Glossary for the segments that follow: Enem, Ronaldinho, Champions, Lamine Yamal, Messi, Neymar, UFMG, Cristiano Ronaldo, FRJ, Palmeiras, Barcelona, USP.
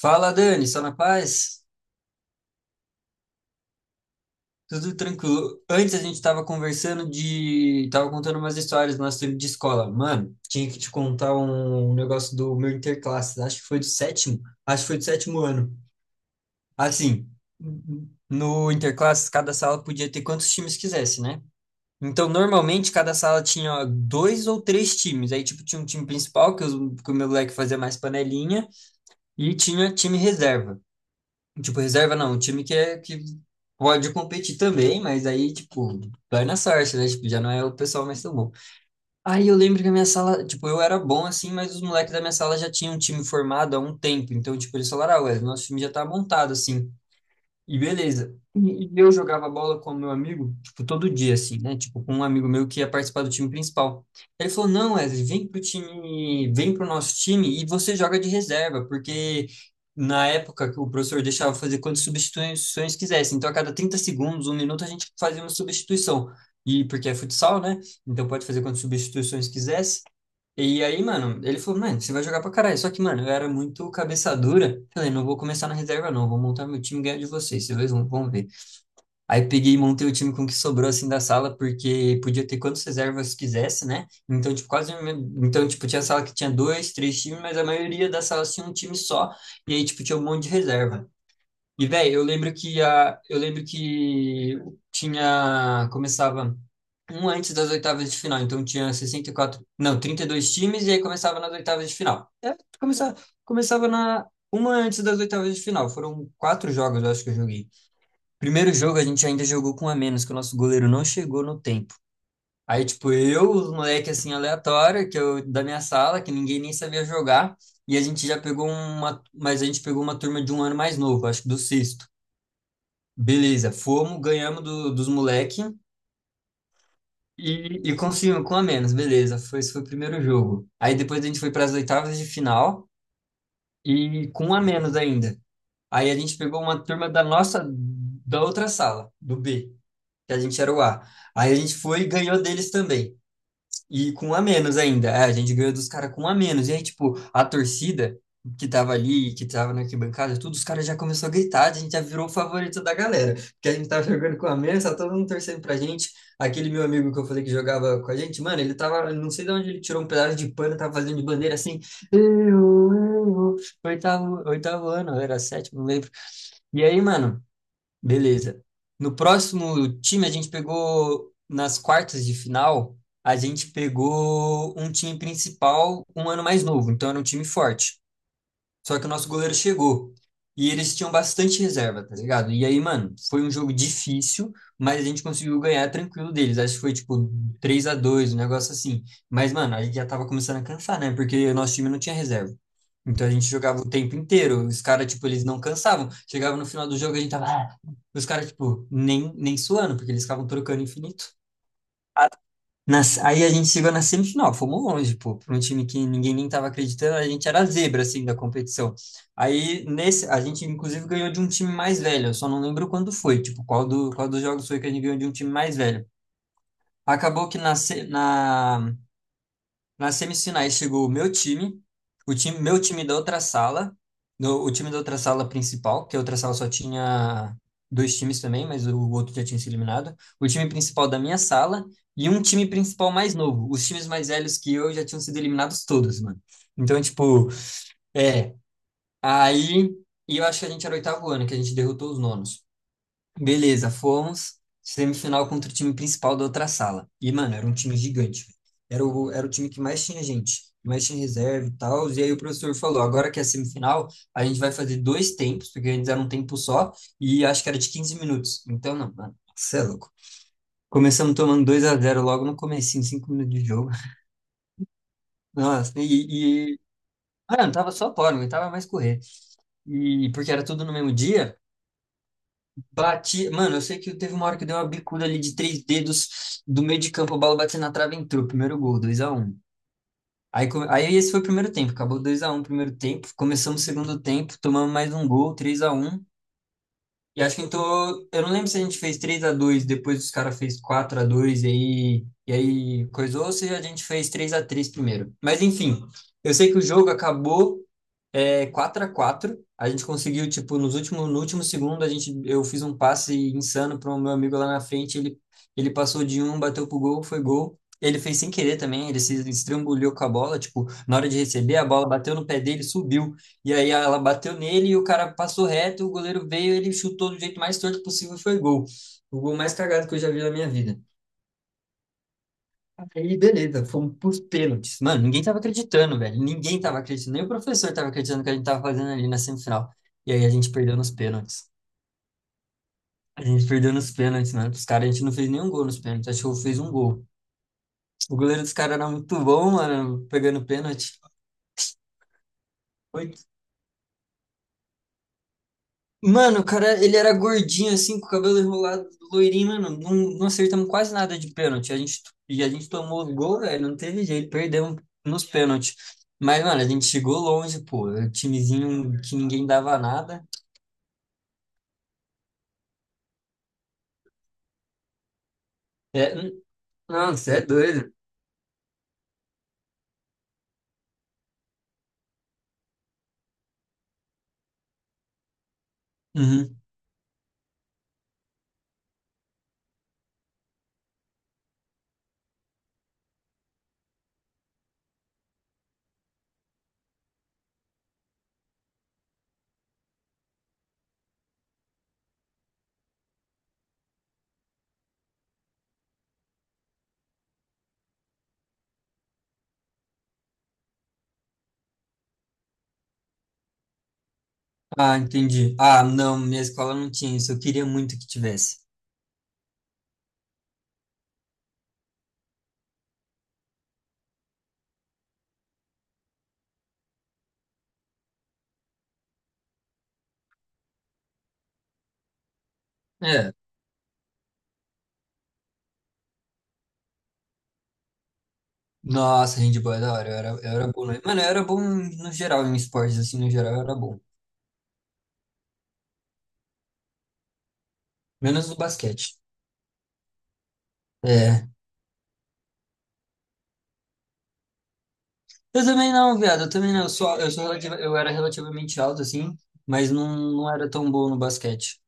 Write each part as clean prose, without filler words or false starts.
Fala, Dani, só na paz? Tudo tranquilo. Antes a gente tava conversando de... Tava contando umas histórias do nosso tempo de escola. Mano, tinha que te contar um negócio do meu interclasses. Acho que foi do sétimo. Acho que foi do sétimo ano. Assim, no interclasses, cada sala podia ter quantos times quisesse, né? Então, normalmente, cada sala tinha dois ou três times. Aí, tipo, tinha um time principal, que, que o meu moleque fazia mais panelinha, e tinha time reserva. Tipo, reserva não, um time que pode competir também, mas aí, tipo, vai na sorte, né? Tipo, já não é o pessoal mais tão bom. Aí eu lembro que a minha sala, tipo, eu era bom assim, mas os moleques da minha sala já tinham um time formado há um tempo. Então, tipo, eles falaram, ah, ué, nosso time já tá montado, assim. E beleza. E eu jogava bola com o meu amigo, tipo, todo dia, assim, né? Tipo, com um amigo meu que ia participar do time principal. Ele falou, não, Wesley, vem pro time, vem pro nosso time e você joga de reserva, porque na época que o professor deixava fazer quantas substituições quisesse. Então, a cada 30 segundos, um minuto, a gente fazia uma substituição. E porque é futsal, né? Então pode fazer quantas substituições quisesse. E aí, mano, ele falou, mano, você vai jogar pra caralho. Só que, mano, eu era muito cabeça dura. Falei, não vou começar na reserva, não. Vou montar meu time e ganhar de vocês. Vocês dois vão ver. Aí peguei e montei o time com o que sobrou, assim, da sala, porque podia ter quantas reservas quisesse, né? Então, tipo, quase... Então, tipo, tinha sala que tinha dois, três times, mas a maioria das salas tinha um time só. E aí, tipo, tinha um monte de reserva. E, velho, eu lembro que tinha, começava um antes das oitavas de final, então tinha 64 não, 32 times e aí começava nas oitavas de final. É, começava, começava na uma antes das oitavas de final. Foram quatro jogos, eu acho que eu joguei. Primeiro jogo a gente ainda jogou com um a menos, que o nosso goleiro não chegou no tempo. Aí, tipo, eu, os moleque assim aleatório, que eu da minha sala, que ninguém nem sabia jogar, e a gente já pegou uma, mas a gente pegou uma turma de um ano mais novo, acho que do sexto. Beleza, fomos, ganhamos dos moleque e conseguimos com a menos, beleza. Foi, esse foi o primeiro jogo. Aí depois a gente foi para as oitavas de final e com um a menos ainda. Aí a gente pegou uma turma da nossa, da outra sala, do B, que a gente era o A. Aí a gente foi e ganhou deles também. E com um a menos ainda. É, a gente ganhou dos caras com um a menos. E aí, tipo, a torcida que tava ali, que tava na arquibancada, tudo, os caras já começou a gritar, a gente já virou o favorito da galera. Porque a gente tava jogando com um a menos, tá todo mundo torcendo pra gente. Aquele meu amigo que eu falei que jogava com a gente, mano, ele tava, não sei de onde ele tirou um pedaço de pano, tava fazendo de bandeira assim, eu, eu, oitavo ano, era sétimo, não lembro. E aí, mano, beleza. No próximo time, a gente pegou, nas quartas de final, a gente pegou um time principal um ano mais novo, então era um time forte. Só que o nosso goleiro chegou. E eles tinham bastante reserva, tá ligado? E aí, mano, foi um jogo difícil, mas a gente conseguiu ganhar tranquilo deles. Acho que foi tipo 3 a dois, um negócio assim. Mas, mano, a gente já tava começando a cansar, né? Porque o nosso time não tinha reserva. Então a gente jogava o tempo inteiro. Os caras, tipo, eles não cansavam. Chegava no final do jogo, a gente tava. Ah, os caras, tipo, nem suando, porque eles ficavam trocando infinito. Aí a gente chegou na semifinal, fomos longe, pô, para um time que ninguém nem estava acreditando, a gente era a zebra, assim, da competição. Aí, nesse, a gente, inclusive, ganhou de um time mais velho, eu só não lembro quando foi, tipo, qual, qual dos jogos foi que a gente ganhou de um time mais velho. Acabou que na, se- na, nas semifinais chegou o meu time, meu time da outra sala, o time da outra sala principal, que a outra sala só tinha dois times também, mas o outro já tinha se eliminado. O time principal da minha sala e um time principal mais novo. Os times mais velhos que eu já tinham sido eliminados todos, mano. Então, tipo, é. Aí. E eu acho que a gente era o oitavo ano, que a gente derrotou os nonos. Beleza, fomos. Semifinal contra o time principal da outra sala. E, mano, era um time gigante, velho. Era o time que mais tinha gente, mais tinha reserva e tal. E aí o professor falou: agora que é semifinal, a gente vai fazer dois tempos, porque antes era um tempo só, e acho que era de 15 minutos. Então, não, mano, você é louco. Começamos tomando dois a zero logo no comecinho, 5 minutos de jogo. Nossa, mano, tava só fora, não aguentava mais correr. E porque era tudo no mesmo dia. Bati, mano, eu sei que teve uma hora que deu uma bicuda ali de três dedos do meio de campo, a bola bateu na trave e entrou. Primeiro gol, dois a um. Aí, aí esse foi o primeiro tempo, acabou dois a um o primeiro tempo. Começamos o segundo tempo, tomamos mais um gol, três a um. E acho que então, eu não lembro se a gente fez três a dois depois os caras fez quatro a dois e aí coisou, ou se a gente fez três a três primeiro. Mas enfim, eu sei que o jogo acabou. É 4x4. A quatro. A gente conseguiu, tipo, nos últimos, no último segundo, a gente, eu fiz um passe insano para o meu amigo lá na frente. Ele passou de um, bateu pro gol, foi gol. Ele fez sem querer também, ele se estrambulhou com a bola. Tipo, na hora de receber, a bola bateu no pé dele, subiu. E aí ela bateu nele e o cara passou reto. O goleiro veio, ele chutou do jeito mais torto possível, foi gol. O gol mais cagado que eu já vi na minha vida. Aí, beleza, fomos pros pênaltis. Mano, ninguém tava acreditando, velho. Ninguém tava acreditando. Nem o professor tava acreditando que a gente tava fazendo ali na semifinal. E aí a gente perdeu nos pênaltis. A gente perdeu nos pênaltis, mano. Os caras, a gente não fez nenhum gol nos pênaltis. Acho que eu fiz um gol. O goleiro dos caras era muito bom, mano, pegando pênalti. Mano, o cara, ele era gordinho assim, com o cabelo enrolado, loirinho, mano. Não, não acertamos quase nada de pênalti. A gente, e a gente tomou o gol, velho. Não teve jeito, perdemos nos pênaltis. Mas, mano, a gente chegou longe, pô. Era um timezinho que ninguém dava nada. É, não, você é doido. Uhum. Ah, entendi. Ah, não, minha escola não tinha isso. Eu queria muito que tivesse. É. Nossa, handball é da hora. Eu era bom. Mano, eu era bom no geral, em esportes, assim, no geral, eu era bom. Menos no basquete. É. Eu também não, viado. Eu também não. Eu era relativamente alto, assim, mas não, não era tão bom no basquete.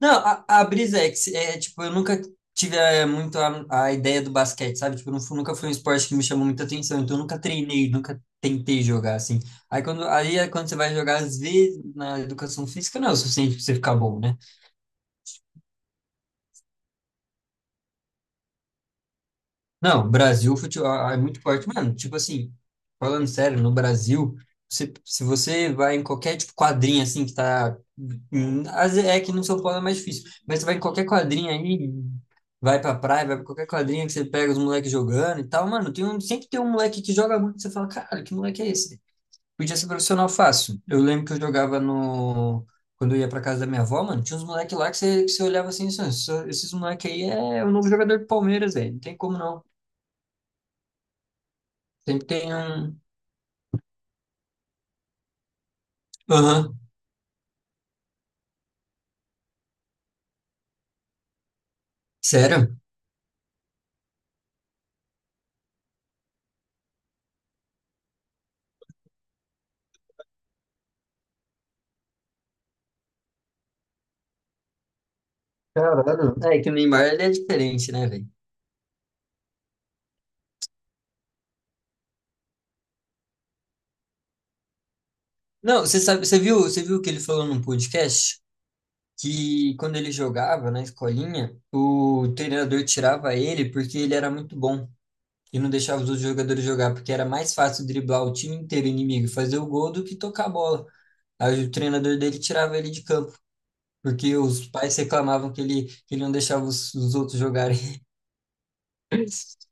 Não, a brisa é que, é, é, tipo, eu nunca tive é, a ideia do basquete, sabe? Tipo, nunca foi um esporte que me chamou muita atenção, então eu nunca treinei, nunca tentei jogar, assim. Aí é quando você vai jogar, às vezes, na educação física, não é o suficiente pra você ficar bom, né? Não, Brasil, futebol é muito forte. Mano, tipo assim, falando sério, no Brasil, se você vai em qualquer tipo quadrinha assim que tá. Hum, às vezes é que no São Paulo é mais difícil, mas você vai em qualquer quadrinha aí, vai pra praia, vai pra qualquer quadrinha que você pega os moleques jogando e tal, mano, tem um, sempre tem um moleque que joga muito, você fala, cara, que moleque é esse? Podia ser profissional fácil. Eu lembro que eu jogava no. Quando eu ia pra casa da minha avó, mano, tinha uns moleques lá que você olhava assim, esses moleques aí é o novo jogador do Palmeiras, velho. Não tem como não. Sempre tem um. Aham. Sério? Caralho. É que o Neymar ele é diferente, né, velho? Não, você sabe, você viu que ele falou num podcast que quando ele jogava na escolinha, o treinador tirava ele porque ele era muito bom e não deixava os outros jogadores jogar, porque era mais fácil driblar o time inteiro inimigo e fazer o gol do que tocar a bola. Aí o treinador dele tirava ele de campo, porque os pais reclamavam que ele não deixava os outros jogarem.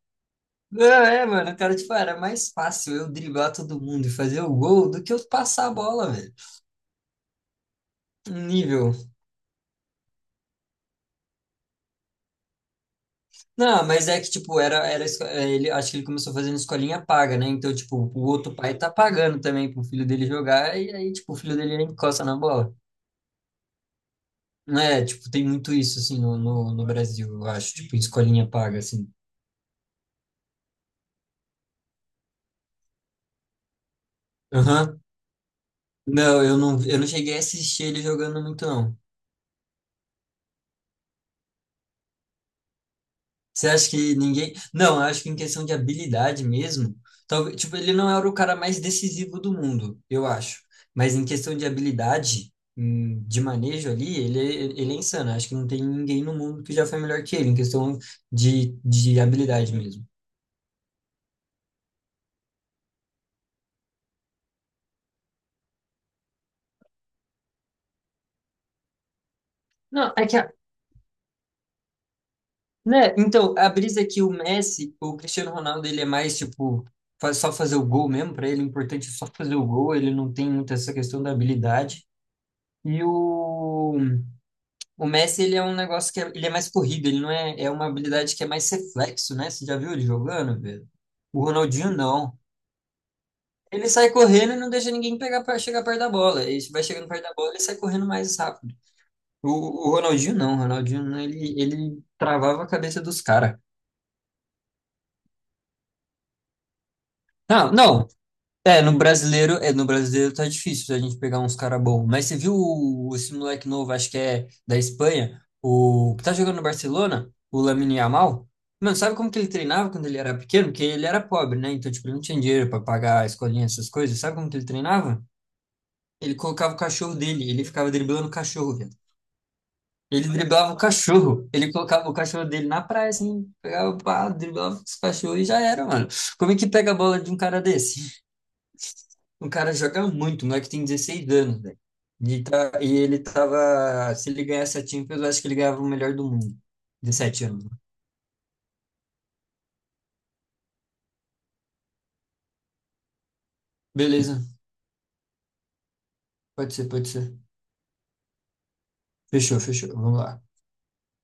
Não, é, mano, cara, tipo, era mais fácil eu driblar todo mundo e fazer o gol do que eu passar a bola, velho. Nível. Não, mas é que, tipo, é, ele, acho que ele começou fazendo escolinha paga, né? Então, tipo, o outro pai tá pagando também pro filho dele jogar e aí, tipo, o filho dele encosta na bola. É, tipo, tem muito isso, assim, no Brasil, eu acho, tipo, escolinha paga, assim. Aham. Não, eu não cheguei a assistir ele jogando muito, não. Você acha que ninguém. Não, eu acho que em questão de habilidade mesmo, talvez, tipo, ele não era o cara mais decisivo do mundo, eu acho. Mas em questão de habilidade, de manejo ali, ele é insano. Eu acho que não tem ninguém no mundo que já foi melhor que ele, em questão de habilidade mesmo. Não, é que, a- Né? Então, a brisa é que o Messi, o Cristiano Ronaldo, ele é mais, tipo, faz só fazer o gol mesmo, pra ele, o importante é só fazer o gol, ele não tem muito essa questão da habilidade. E o O Messi, ele é um negócio que é, ele é mais corrido, ele não é, é uma habilidade que é mais reflexo, né? Você já viu ele jogando, velho? O Ronaldinho não. Ele sai correndo e não deixa ninguém pegar para chegar perto da bola. Ele vai chegando perto da bola, e sai correndo mais rápido. O Ronaldinho não, o Ronaldinho não, ele travava a cabeça dos caras. Não, não, é, no brasileiro, é, no brasileiro tá difícil a gente pegar uns cara bom. Mas você viu esse moleque novo, acho que é da Espanha, o que tá jogando no Barcelona, o Lamine Yamal? Mano, sabe como que ele treinava quando ele era pequeno? Porque ele era pobre, né? Então, tipo, ele não tinha dinheiro pra pagar a escolinha, essas coisas. Sabe como que ele treinava? Ele colocava o cachorro dele, ele ficava driblando o cachorro, velho. Ele driblava o cachorro, ele colocava o cachorro dele na praia, assim, pegava, pá, driblava os cachorros e já era, mano. Como é que pega a bola de um cara desse? O cara joga muito, o moleque tem 16 anos, velho. E, tá, e ele tava. Se ele ganhasse a Champions, eu acho que ele ganhava o melhor do mundo. 17 anos. Né? Beleza, pode ser, pode ser. Fechou, fechou. Vamos lá.